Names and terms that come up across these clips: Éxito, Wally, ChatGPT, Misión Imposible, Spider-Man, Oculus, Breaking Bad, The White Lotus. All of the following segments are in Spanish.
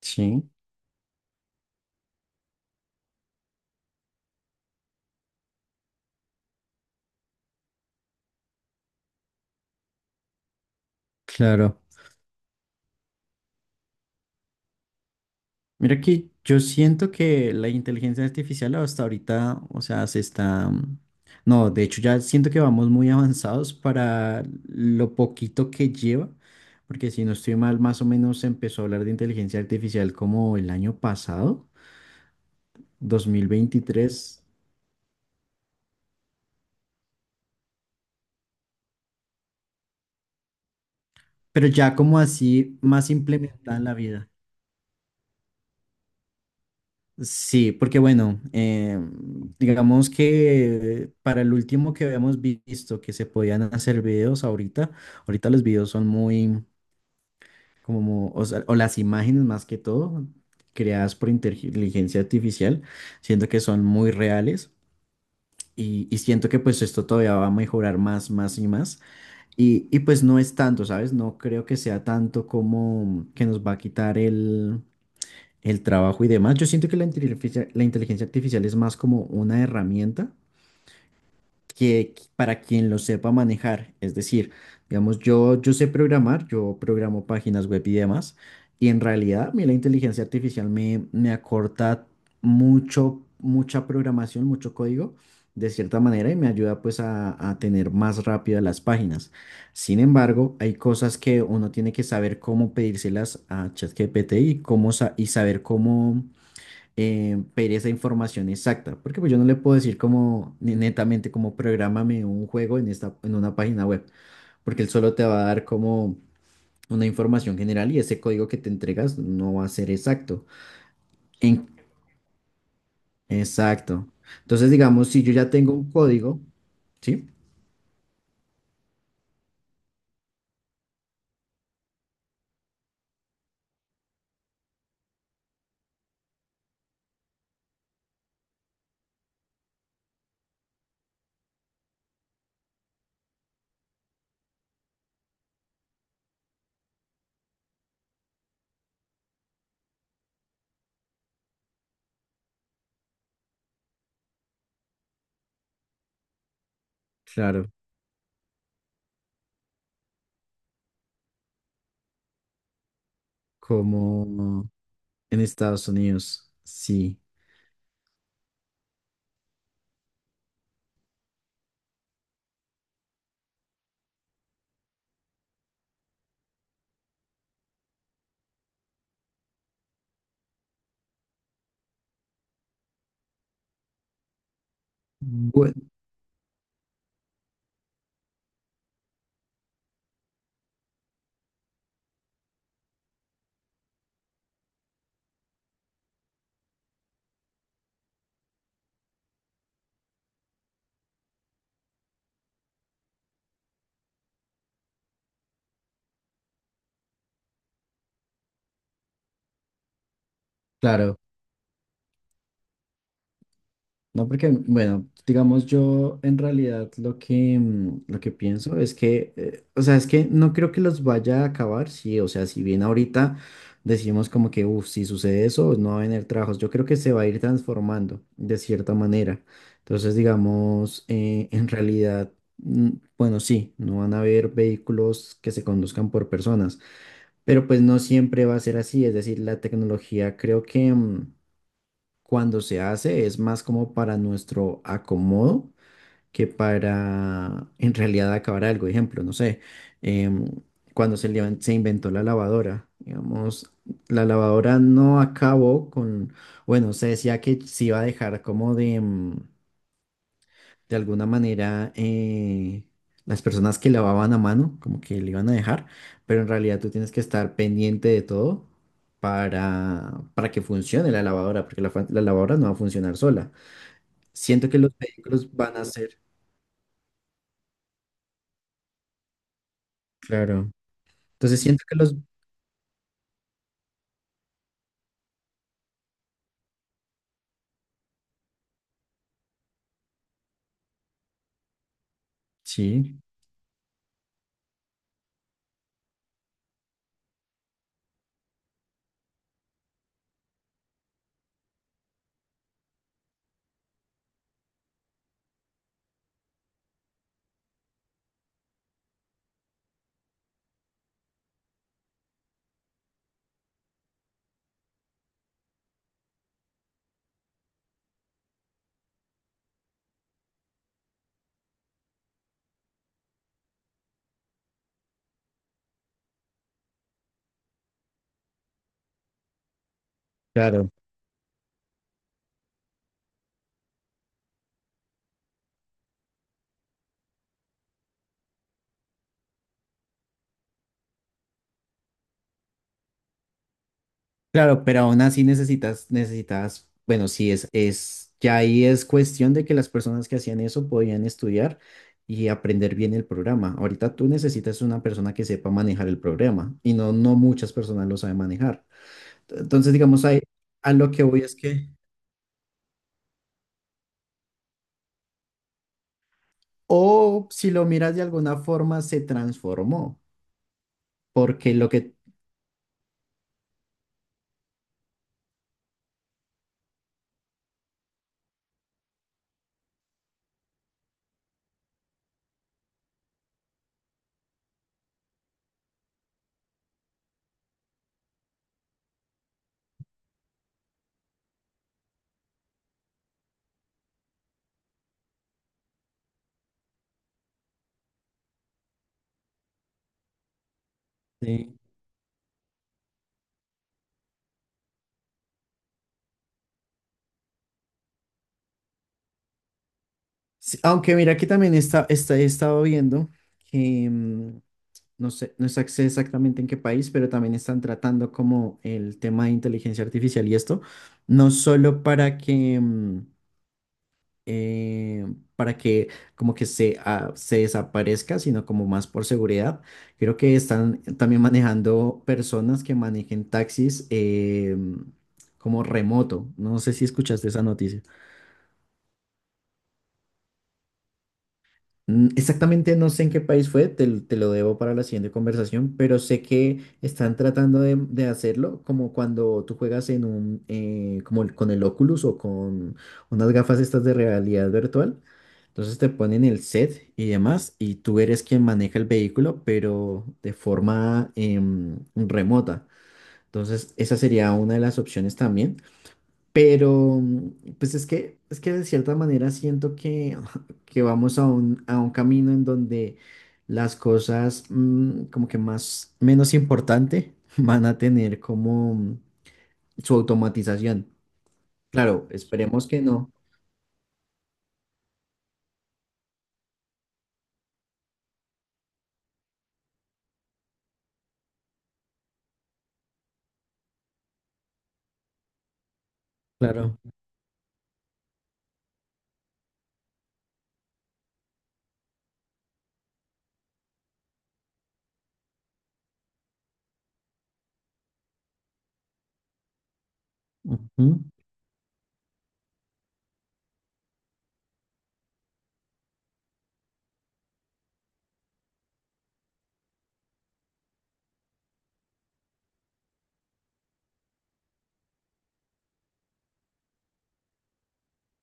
Sí, claro. Mira que yo siento que la inteligencia artificial hasta ahorita, o sea, se está... No, de hecho ya siento que vamos muy avanzados para lo poquito que lleva, porque si no estoy mal, más o menos se empezó a hablar de inteligencia artificial como el año pasado, 2023, pero ya como así más implementada en la vida. Sí, porque bueno, digamos que para el último que habíamos visto que se podían hacer videos ahorita, ahorita los videos son muy como, o sea, o las imágenes más que todo, creadas por inteligencia artificial, siento que son muy reales y siento que pues esto todavía va a mejorar más, más y más. Y pues no es tanto, ¿sabes? No creo que sea tanto como que nos va a quitar el trabajo y demás. Yo siento que la inteligencia artificial es más como una herramienta que para quien lo sepa manejar. Es decir, digamos, yo sé programar, yo programo páginas web y demás, y en realidad a mí la inteligencia artificial me acorta mucho, mucha programación, mucho código de cierta manera y me ayuda pues a tener más rápido las páginas. Sin embargo, hay cosas que uno tiene que saber cómo pedírselas a ChatGPT y cómo y saber cómo pedir esa información exacta, porque pues yo no le puedo decir como netamente como prográmame un juego en esta, en una página web, porque él solo te va a dar como una información general y ese código que te entregas no va a ser exacto. En- exacto. Entonces, digamos, si yo ya tengo un código, ¿sí? Claro, como en Estados Unidos, sí. Bueno, claro. No, porque, bueno, digamos, yo en realidad lo que, lo que pienso es que, o sea, es que no creo que los vaya a acabar, sí, o sea, si bien ahorita decimos como que, uff, si sucede eso, no va a venir trabajos, yo creo que se va a ir transformando de cierta manera. Entonces, digamos, en realidad, mm, bueno, sí, no van a haber vehículos que se conduzcan por personas, pero pues no siempre va a ser así, es decir, la tecnología creo que... cuando se hace es más como para nuestro acomodo que para en realidad acabar algo. Ejemplo, no sé, em, cuando se inventó la lavadora, digamos, la lavadora no acabó con, bueno, se decía que se iba a dejar como de... de alguna manera las personas que lavaban a mano, como que le iban a dejar, pero en realidad tú tienes que estar pendiente de todo para que funcione la lavadora, porque la lavadora no va a funcionar sola. Siento que los vehículos van a ser, claro. Entonces siento que los, sí, claro. Claro, pero aún así necesitas, necesitas, bueno, sí, es, ya ahí es cuestión de que las personas que hacían eso podían estudiar y aprender bien el programa. Ahorita tú necesitas una persona que sepa manejar el programa y no, no muchas personas lo saben manejar. Entonces, digamos, ahí, a lo que voy es que, o si lo miras de alguna forma, se transformó, porque lo que, sí. Sí, aunque mira que también está, está, he estado viendo que... no sé, no sé exactamente en qué país, pero también están tratando como el tema de inteligencia artificial y esto, no solo para que, eh, para que como que ah, se desaparezca, sino como más por seguridad. Creo que están también manejando personas que manejen taxis como remoto. No sé si escuchaste esa noticia. Exactamente no sé en qué país fue, te lo debo para la siguiente conversación, pero sé que están tratando de hacerlo como cuando tú juegas en un, como con el Oculus o con unas gafas estas de realidad virtual. Entonces te ponen el set y demás y tú eres quien maneja el vehículo, pero de forma remota. Entonces esa sería una de las opciones también. Pero, mm, pues es que de cierta manera siento que, que vamos a un camino en donde las cosas como que más, menos importante van a tener como su automatización. Claro, esperemos que no. Claro. Ujú.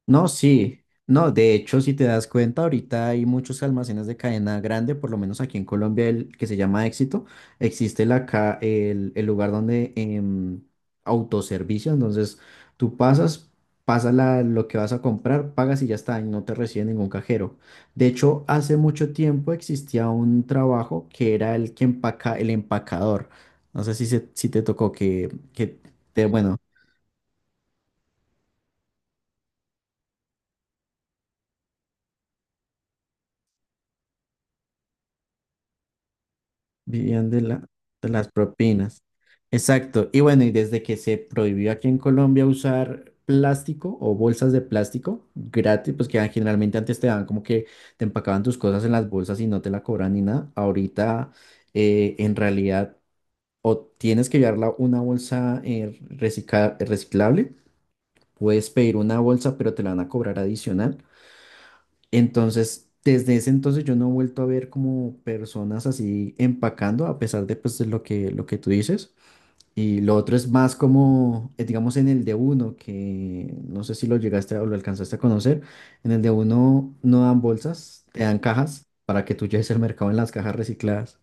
No, sí, no, de hecho, si te das cuenta, ahorita hay muchos almacenes de cadena grande, por lo menos aquí en Colombia, el que se llama Éxito, existe el lugar donde autoservicio, entonces tú pasas, pasas lo que vas a comprar, pagas y ya está, y no te recibe ningún cajero. De hecho, hace mucho tiempo existía un trabajo que era el que empaca, el empacador. No sé si, si te tocó que te, bueno, vivían de de las propinas. Exacto. Y bueno, y desde que se prohibió aquí en Colombia usar plástico o bolsas de plástico gratis, pues que ah, generalmente antes te daban como que te empacaban tus cosas en las bolsas y no te la cobran ni nada. Ahorita en realidad o tienes que llevarla una bolsa reciclable, puedes pedir una bolsa, pero te la van a cobrar adicional. Entonces, desde ese entonces yo no he vuelto a ver como personas así empacando, a pesar de pues de lo que tú dices. Y lo otro es más como, digamos, en el de uno, que no sé si lo llegaste o lo alcanzaste a conocer. En el de uno no dan bolsas, te dan cajas para que tú lleves el mercado en las cajas recicladas.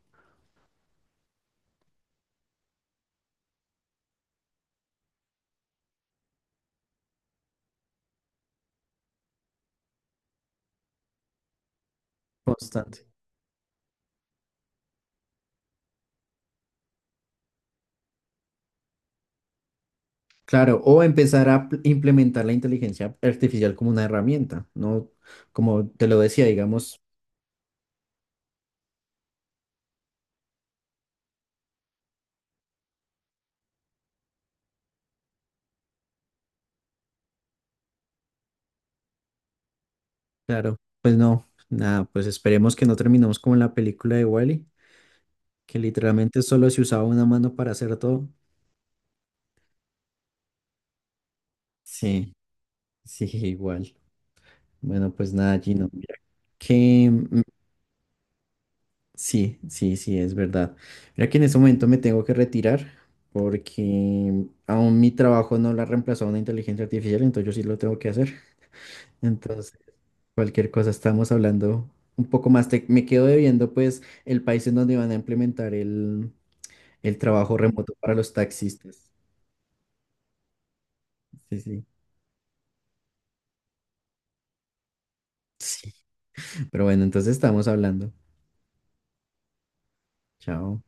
Constante. Claro, o empezar a implementar la inteligencia artificial como una herramienta, ¿no? Como te lo decía, digamos. Claro, pues no, nada, pues esperemos que no terminemos como en la película de Wally, que literalmente solo se usaba una mano para hacer todo. Sí, sí, igual. Bueno, pues nada, Gino, mira que sí, sí, sí, es verdad. Mira que en este momento me tengo que retirar porque aún mi trabajo no lo ha reemplazado una inteligencia artificial, entonces yo sí lo tengo que hacer. Entonces, cualquier cosa estamos hablando un poco más. Me quedo debiendo pues el país en donde van a implementar el trabajo remoto para los taxistas. Sí, sí. Sí. Pero bueno, entonces estamos hablando. Chao.